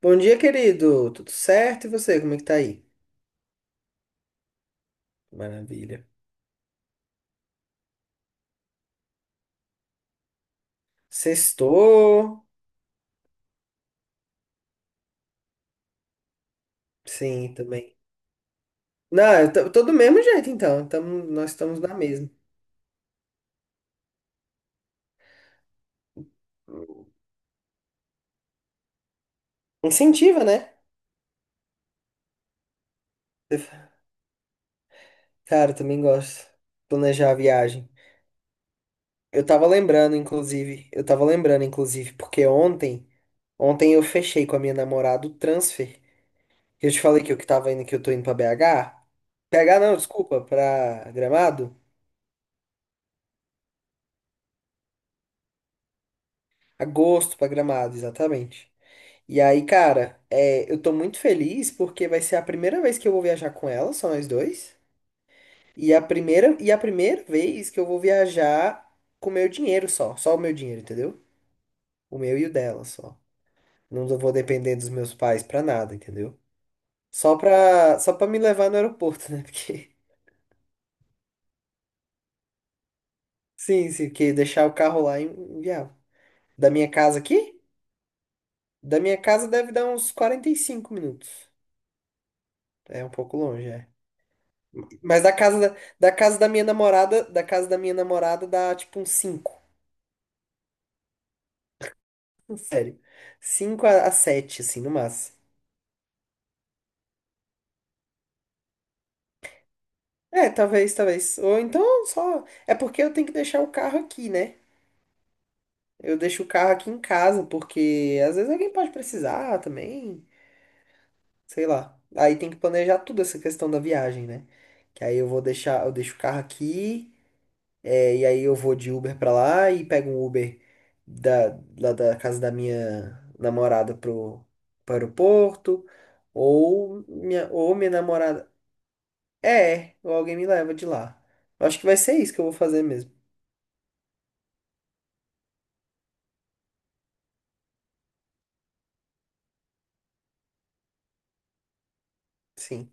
Bom dia, querido. Tudo certo? E você, como é que tá aí? Maravilha. Sextou? Sim, também. Não, eu tô do mesmo jeito, então. Nós estamos na mesma. Incentiva, né? Cara, eu também gosto de planejar a viagem. Eu tava lembrando, inclusive, porque ontem eu fechei com a minha namorada o transfer. Eu te falei que eu que tava indo, que eu tô indo pra BH. BH não, desculpa, pra Gramado. Agosto pra Gramado, exatamente. E aí, cara, eu tô muito feliz porque vai ser a primeira vez que eu vou viajar com ela, só nós dois. E a primeira vez que eu vou viajar com o meu dinheiro só, só o meu dinheiro, entendeu? O meu e o dela só. Não vou depender dos meus pais pra nada, entendeu? Só pra me levar no aeroporto, né? Porque, sim, sim, porque deixar o carro lá é inviável. Da minha casa aqui? Da minha casa deve dar uns 45 minutos. É um pouco longe, é. Mas da casa da minha namorada, da casa da minha namorada dá tipo um cinco. Sério. 5 a 7 assim, no máximo. É, talvez, talvez. Ou então só. É porque eu tenho que deixar o carro aqui, né? Eu deixo o carro aqui em casa, porque às vezes alguém pode precisar também. Sei lá. Aí tem que planejar tudo essa questão da viagem, né? Que aí eu deixo o carro aqui. É, e aí eu vou de Uber pra lá e pego um Uber lá da casa da minha namorada pro aeroporto. Ou minha namorada. É, ou alguém me leva de lá. Eu acho que vai ser isso que eu vou fazer mesmo. Sim,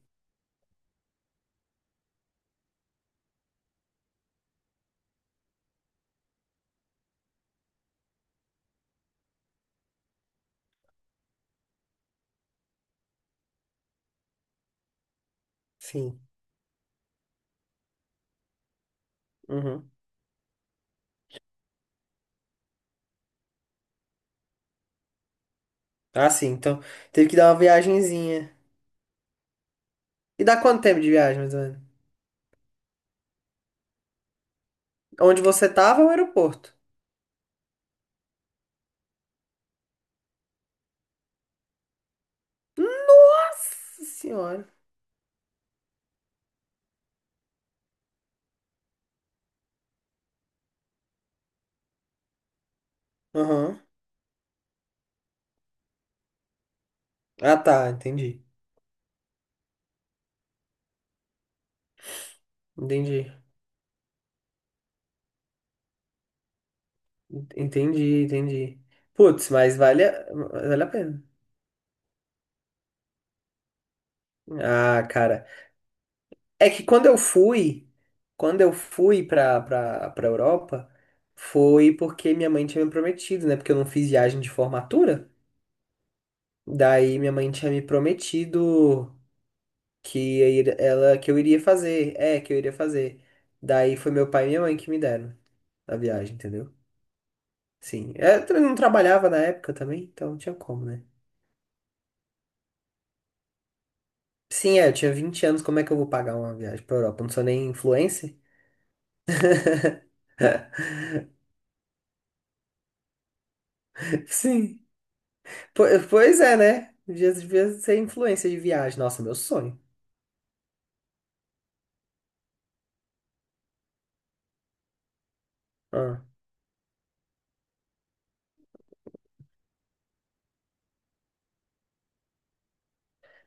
sim. Uhum. Ah, sim. Então, teve que dar uma viagenzinha. E dá quanto tempo de viagem, mais ou menos? Onde você tava é o aeroporto. Nossa senhora. Aham. Ah, tá. Entendi. Entendi. Entendi, entendi. Putz, mas vale a pena. Ah, cara. É que quando eu fui pra Europa, foi porque minha mãe tinha me prometido, né? Porque eu não fiz viagem de formatura. Daí minha mãe tinha me prometido ela que eu iria fazer. É, que eu iria fazer. Daí foi meu pai e minha mãe que me deram a viagem, entendeu? Sim. Eu não trabalhava na época também, então não tinha como, né? Sim, eu tinha 20 anos, como é que eu vou pagar uma viagem pra Europa? Eu não sou nem influencer? Sim. Po- Pois é, né? Devia ser influencer de viagem. Nossa, meu sonho. Ah.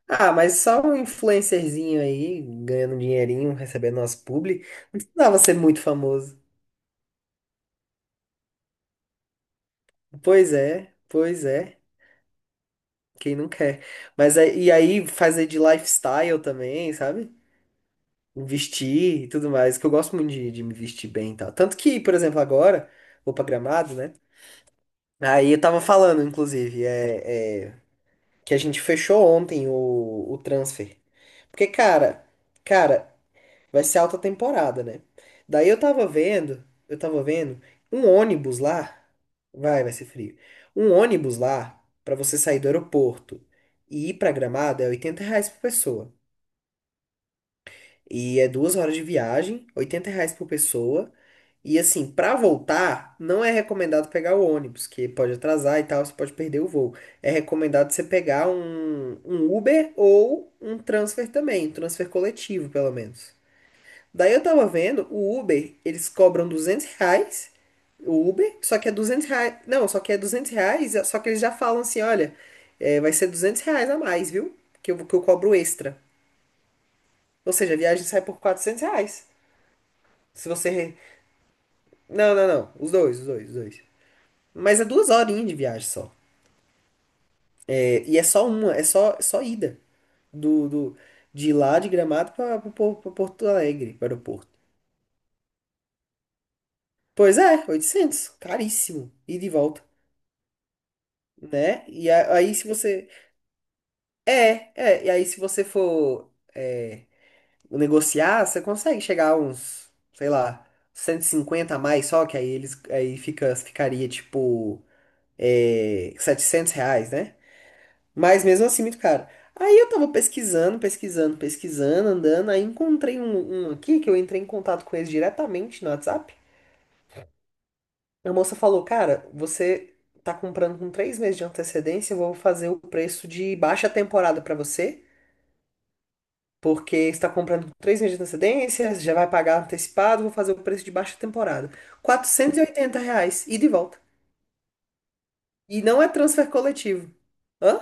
Ah, mas só um influencerzinho aí, ganhando um dinheirinho, recebendo nosso publi. Não precisava ser muito famoso. Pois é, pois é. Quem não quer? E aí fazer de lifestyle também, sabe? Vestir e tudo mais, que eu gosto muito de me vestir bem e tal. Tanto que, por exemplo, agora, vou pra Gramado, né? Aí eu tava falando, inclusive, que a gente fechou ontem o transfer. Porque, cara, vai ser alta temporada, né? Daí eu tava vendo um ônibus lá. Vai ser frio. Um ônibus lá, pra você sair do aeroporto e ir pra Gramado, é R$ 80 por pessoa. E é 2 horas de viagem, R$ 80 por pessoa. E assim, para voltar, não é recomendado pegar o ônibus, que pode atrasar e tal, você pode perder o voo. É recomendado você pegar um Uber ou um transfer também, um transfer coletivo, pelo menos. Daí eu tava vendo, o Uber, eles cobram R$ 200, o Uber, só que é R$ 200, não, só que é R$ 200, só que eles já falam assim, olha, vai ser R$ 200 a mais, viu? Que eu cobro extra. Ou seja, a viagem sai por R$ 400. Se você... re- Não, não, não, os dois, os dois, os dois. Mas é duas horinhas de viagem só. É, e é só uma, é só ida. Do, do, de lá de Gramado para Porto Alegre, para o aeroporto. Pois é, 800. Caríssimo. E de volta. Né? Aí se você. É, é. E aí se você for negociar, você consegue chegar a uns, sei lá, 150 a mais só, que aí eles. Ficaria tipo. R$ 700, né? Mas mesmo assim, muito caro. Aí eu tava pesquisando, pesquisando, pesquisando, andando. Aí encontrei um aqui que eu entrei em contato com eles diretamente no WhatsApp. A moça falou: Cara, você tá comprando com 3 meses de antecedência, eu vou fazer o preço de baixa temporada pra você. Porque você está comprando com 3 meses de antecedência, você já vai pagar antecipado, vou fazer o preço de baixa temporada. R$ 480, ida e volta. E não é transfer coletivo. Hã?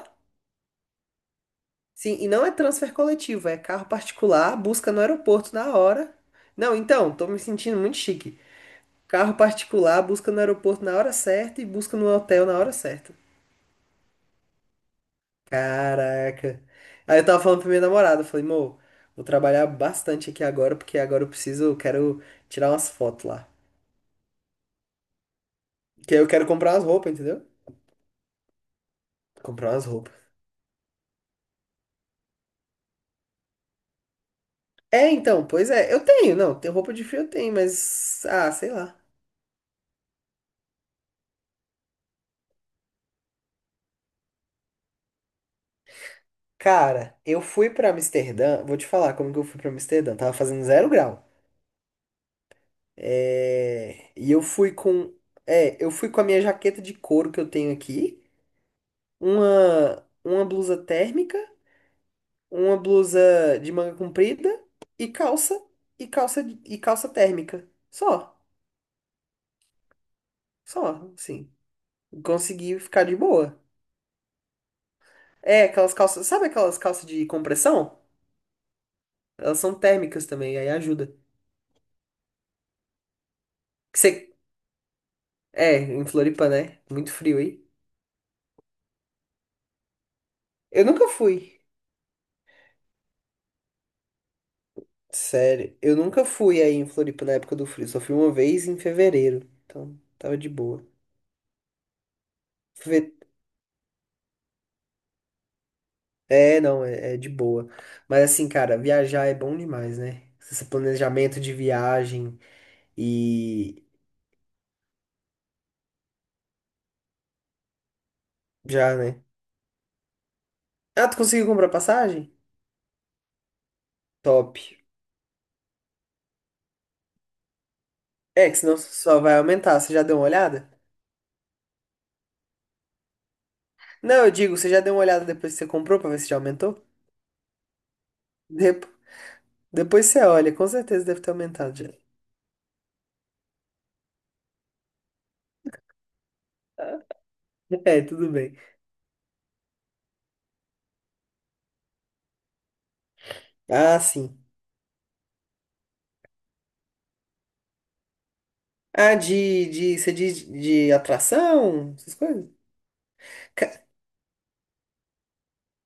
Sim, e não é transfer coletivo, é carro particular, busca no aeroporto na hora. Não, então, tô me sentindo muito chique. Carro particular, busca no aeroporto na hora certa e busca no hotel na hora certa. Caraca. Aí eu tava falando pra minha namorada, eu falei, amor, vou trabalhar bastante aqui agora, porque agora eu quero tirar umas fotos lá. Que aí eu quero comprar umas roupas, entendeu? Comprar umas roupas. É, então, pois é, eu tenho, não, tem roupa de frio eu tenho, mas, ah, sei lá. Cara, eu fui pra Amsterdã, vou te falar como que eu fui pra Amsterdã, tava fazendo 0 grau. É, E eu fui com, eu fui com a minha jaqueta de couro que eu tenho aqui, uma blusa térmica, uma blusa de manga comprida e calça e calça térmica. Só, assim. Consegui ficar de boa. É, aquelas calças, sabe aquelas calças de compressão? Elas são térmicas também, aí ajuda. Que você, Em Floripa, né? Muito frio aí. Eu nunca fui. Sério, eu nunca fui aí em Floripa na época do frio. Só fui uma vez em fevereiro. Então, tava de boa. Fe- É, não, é de boa. Mas assim, cara, viajar é bom demais, né? Esse planejamento de viagem e já, né? Ah, tu conseguiu comprar passagem? Top. É, que senão só vai aumentar. Você já deu uma olhada? Não, eu digo, você já deu uma olhada depois que você comprou pra ver se já aumentou? Dep- Depois você olha, com certeza deve ter aumentado já. É, tudo bem. Ah, sim. Ah, você diz de atração, essas coisas? Ca-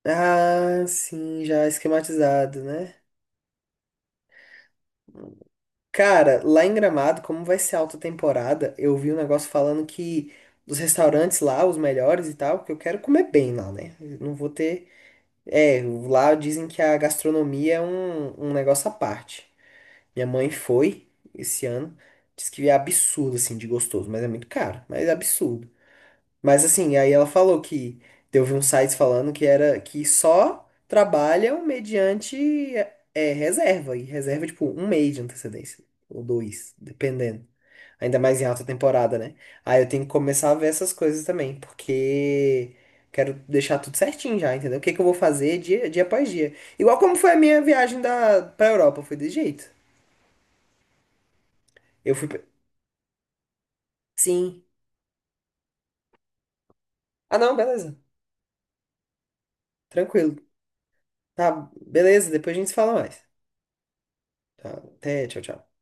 Ah, sim, já esquematizado, né? Cara, lá em Gramado, como vai ser alta temporada, eu vi um negócio falando que os restaurantes lá, os melhores e tal, que eu quero comer bem lá, né? Eu não vou ter. É, lá dizem que a gastronomia é um negócio à parte. Minha mãe foi esse ano, disse que é absurdo, assim, de gostoso, mas é muito caro, mas é absurdo. Mas assim, aí ela falou que eu vi uns sites falando que era que só trabalham mediante reserva. E reserva, tipo, 1 mês de antecedência. Ou dois, dependendo. Ainda mais em alta temporada, né? Aí eu tenho que começar a ver essas coisas também, porque quero deixar tudo certinho já, entendeu? O que que eu vou fazer dia após dia. Igual como foi a minha viagem pra Europa, foi desse jeito. Eu fui. Sim. Ah, não, beleza. Tranquilo. Tá, beleza, depois a gente se fala mais. Tá, até, tchau, tchau.